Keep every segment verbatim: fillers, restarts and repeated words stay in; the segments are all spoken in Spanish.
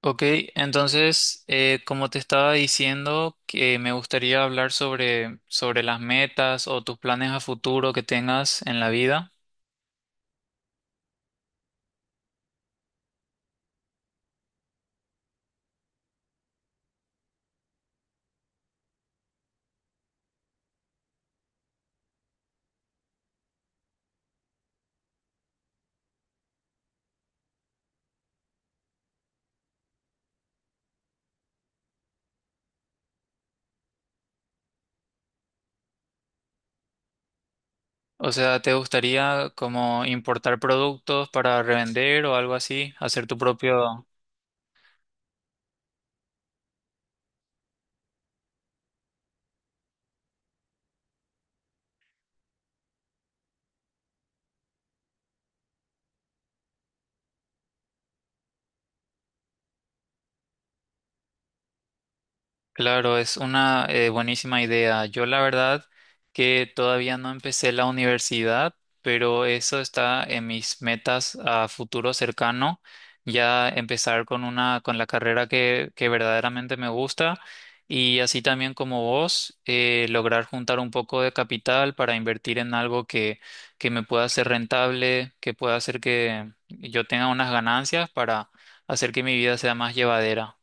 Ok, entonces, eh, como te estaba diciendo, que me gustaría hablar sobre, sobre las metas o tus planes a futuro que tengas en la vida. O sea, ¿te gustaría como importar productos para revender o algo así? Hacer tu propio... Claro, es una eh, buenísima idea. Yo la verdad que todavía no empecé la universidad, pero eso está en mis metas a futuro cercano, ya empezar con una, con la carrera que, que verdaderamente me gusta y así también como vos, eh, lograr juntar un poco de capital para invertir en algo que, que me pueda ser rentable, que pueda hacer que yo tenga unas ganancias para hacer que mi vida sea más llevadera.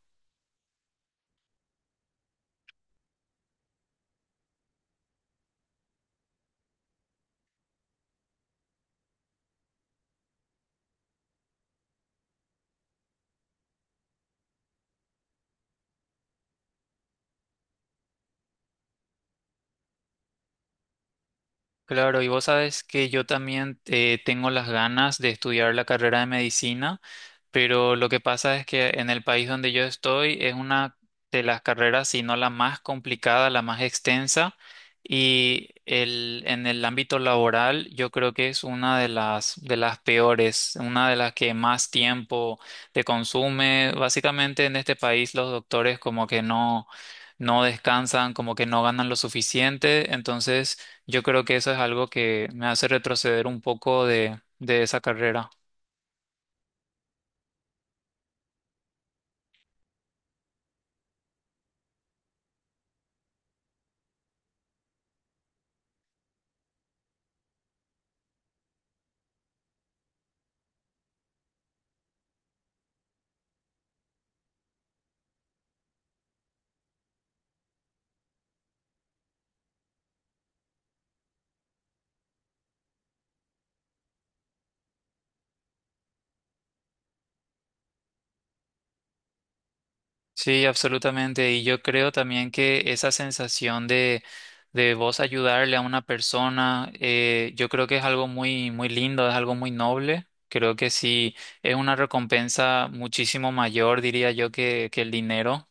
Claro, y vos sabes que yo también eh, tengo las ganas de estudiar la carrera de medicina, pero lo que pasa es que en el país donde yo estoy es una de las carreras, si no la más complicada, la más extensa, y el, en el ámbito laboral yo creo que es una de las, de las peores, una de las que más tiempo te consume. Básicamente en este país los doctores como que no, no descansan, como que no ganan lo suficiente, entonces... Yo creo que eso es algo que me hace retroceder un poco de, de esa carrera. Sí, absolutamente. Y yo creo también que esa sensación de, de vos ayudarle a una persona, eh, yo creo que es algo muy, muy lindo, es algo muy noble. Creo que sí, es una recompensa muchísimo mayor, diría yo, que, que el dinero.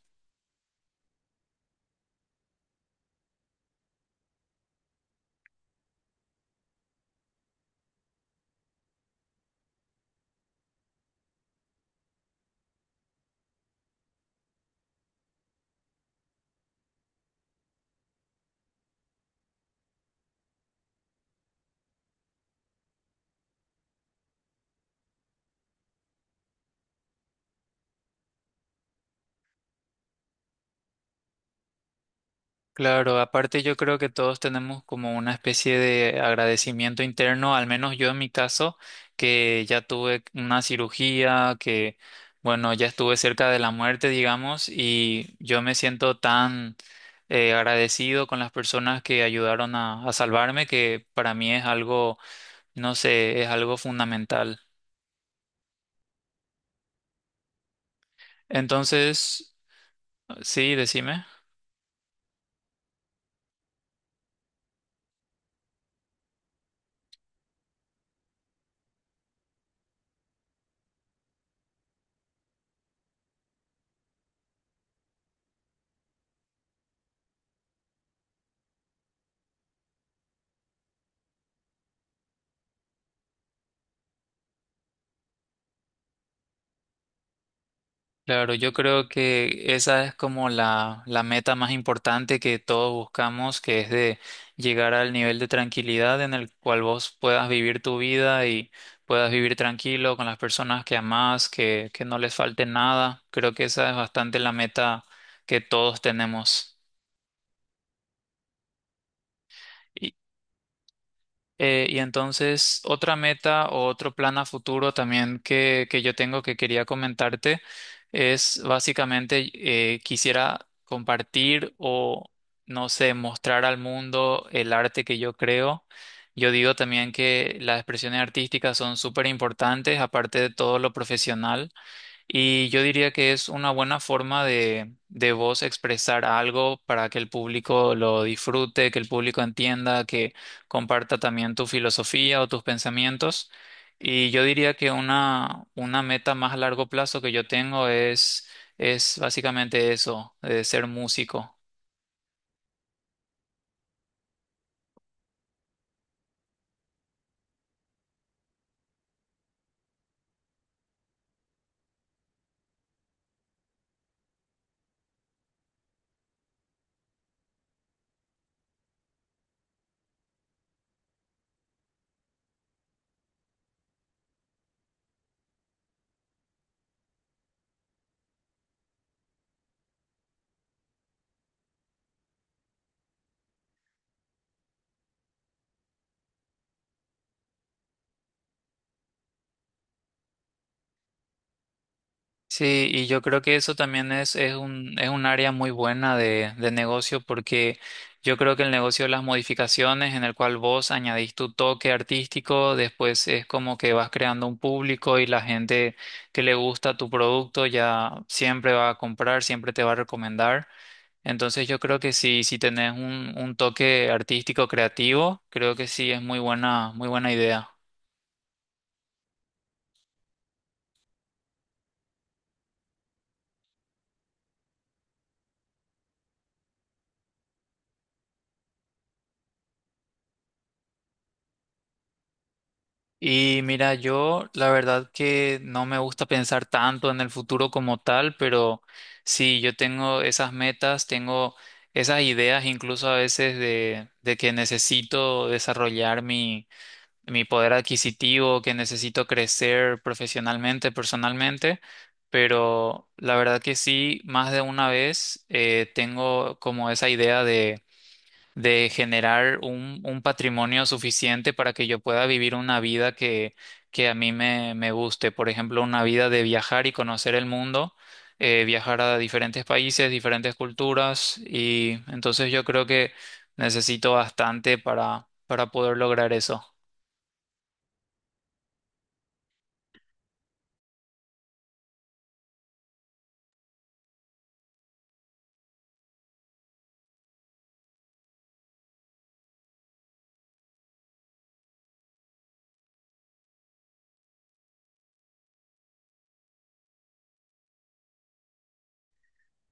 Claro, aparte yo creo que todos tenemos como una especie de agradecimiento interno, al menos yo en mi caso, que ya tuve una cirugía, que bueno, ya estuve cerca de la muerte, digamos, y yo me siento tan eh, agradecido con las personas que ayudaron a, a salvarme, que para mí es algo, no sé, es algo fundamental. Entonces, sí, decime. Claro, yo creo que esa es como la, la meta más importante que todos buscamos, que es de llegar al nivel de tranquilidad en el cual vos puedas vivir tu vida y puedas vivir tranquilo con las personas que amás, que, que no les falte nada. Creo que esa es bastante la meta que todos tenemos. Eh, y entonces, otra meta o otro plan a futuro también que, que yo tengo que quería comentarte es básicamente eh, quisiera compartir o, no sé, mostrar al mundo el arte que yo creo. Yo digo también que las expresiones artísticas son súper importantes, aparte de todo lo profesional. Y yo diría que es una buena forma de, de vos expresar algo para que el público lo disfrute, que el público entienda, que comparta también tu filosofía o tus pensamientos. Y yo diría que una, una meta más a largo plazo que yo tengo es, es básicamente eso, de ser músico. Sí, y yo creo que eso también es, es un, es un área muy buena de, de negocio porque yo creo que el negocio de las modificaciones en el cual vos añadís tu toque artístico, después es como que vas creando un público y la gente que le gusta tu producto ya siempre va a comprar, siempre te va a recomendar. Entonces yo creo que si, si tenés un, un toque artístico creativo, creo que sí es muy buena, muy buena idea. Y mira, yo la verdad que no me gusta pensar tanto en el futuro como tal, pero sí, yo tengo esas metas, tengo esas ideas incluso a veces de, de que necesito desarrollar mi, mi poder adquisitivo, que necesito crecer profesionalmente, personalmente, pero la verdad que sí, más de una vez eh, tengo como esa idea de generar un, un patrimonio suficiente para que yo pueda vivir una vida que, que a mí me, me guste. Por ejemplo, una vida de viajar y conocer el mundo, eh, viajar a diferentes países, diferentes culturas. Y entonces yo creo que necesito bastante para, para poder lograr eso.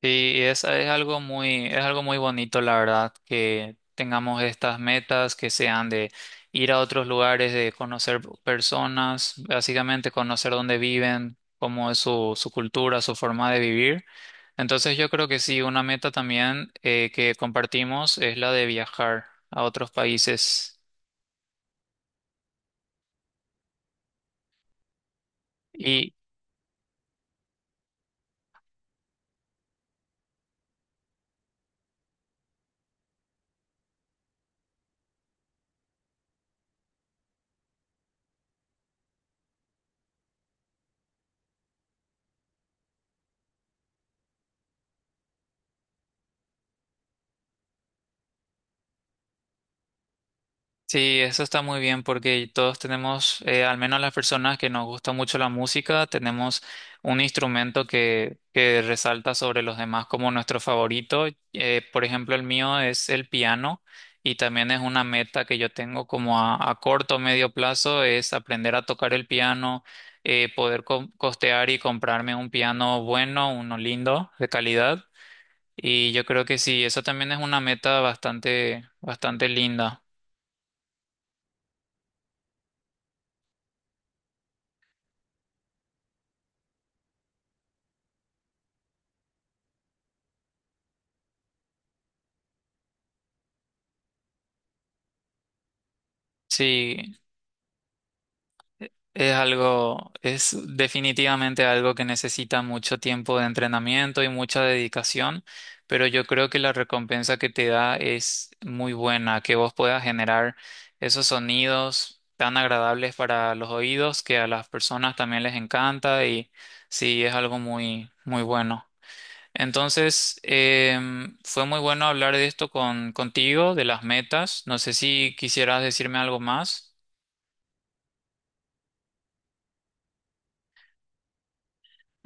Sí, y es, es algo muy, es algo muy bonito, la verdad, que tengamos estas metas que sean de ir a otros lugares, de conocer personas, básicamente conocer dónde viven, cómo es su, su cultura, su forma de vivir. Entonces yo creo que sí, una meta también eh, que compartimos es la de viajar a otros países. Sí, eso está muy bien porque todos tenemos, eh, al menos las personas que nos gusta mucho la música, tenemos un instrumento que, que resalta sobre los demás como nuestro favorito. Eh, por ejemplo, el mío es el piano y también es una meta que yo tengo como a, a corto o medio plazo, es aprender a tocar el piano, eh, poder co- costear y comprarme un piano bueno, uno lindo, de calidad. Y yo creo que sí, eso también es una meta bastante, bastante linda. Sí, es algo, es definitivamente algo que necesita mucho tiempo de entrenamiento y mucha dedicación, pero yo creo que la recompensa que te da es muy buena, que vos puedas generar esos sonidos tan agradables para los oídos que a las personas también les encanta y sí, es algo muy, muy bueno. Entonces, em, fue muy bueno hablar de esto con, contigo, de las metas. No sé si quisieras decirme algo más.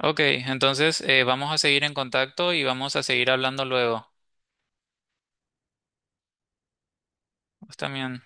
Ok, entonces eh, vamos a seguir en contacto y vamos a seguir hablando luego. Vos también.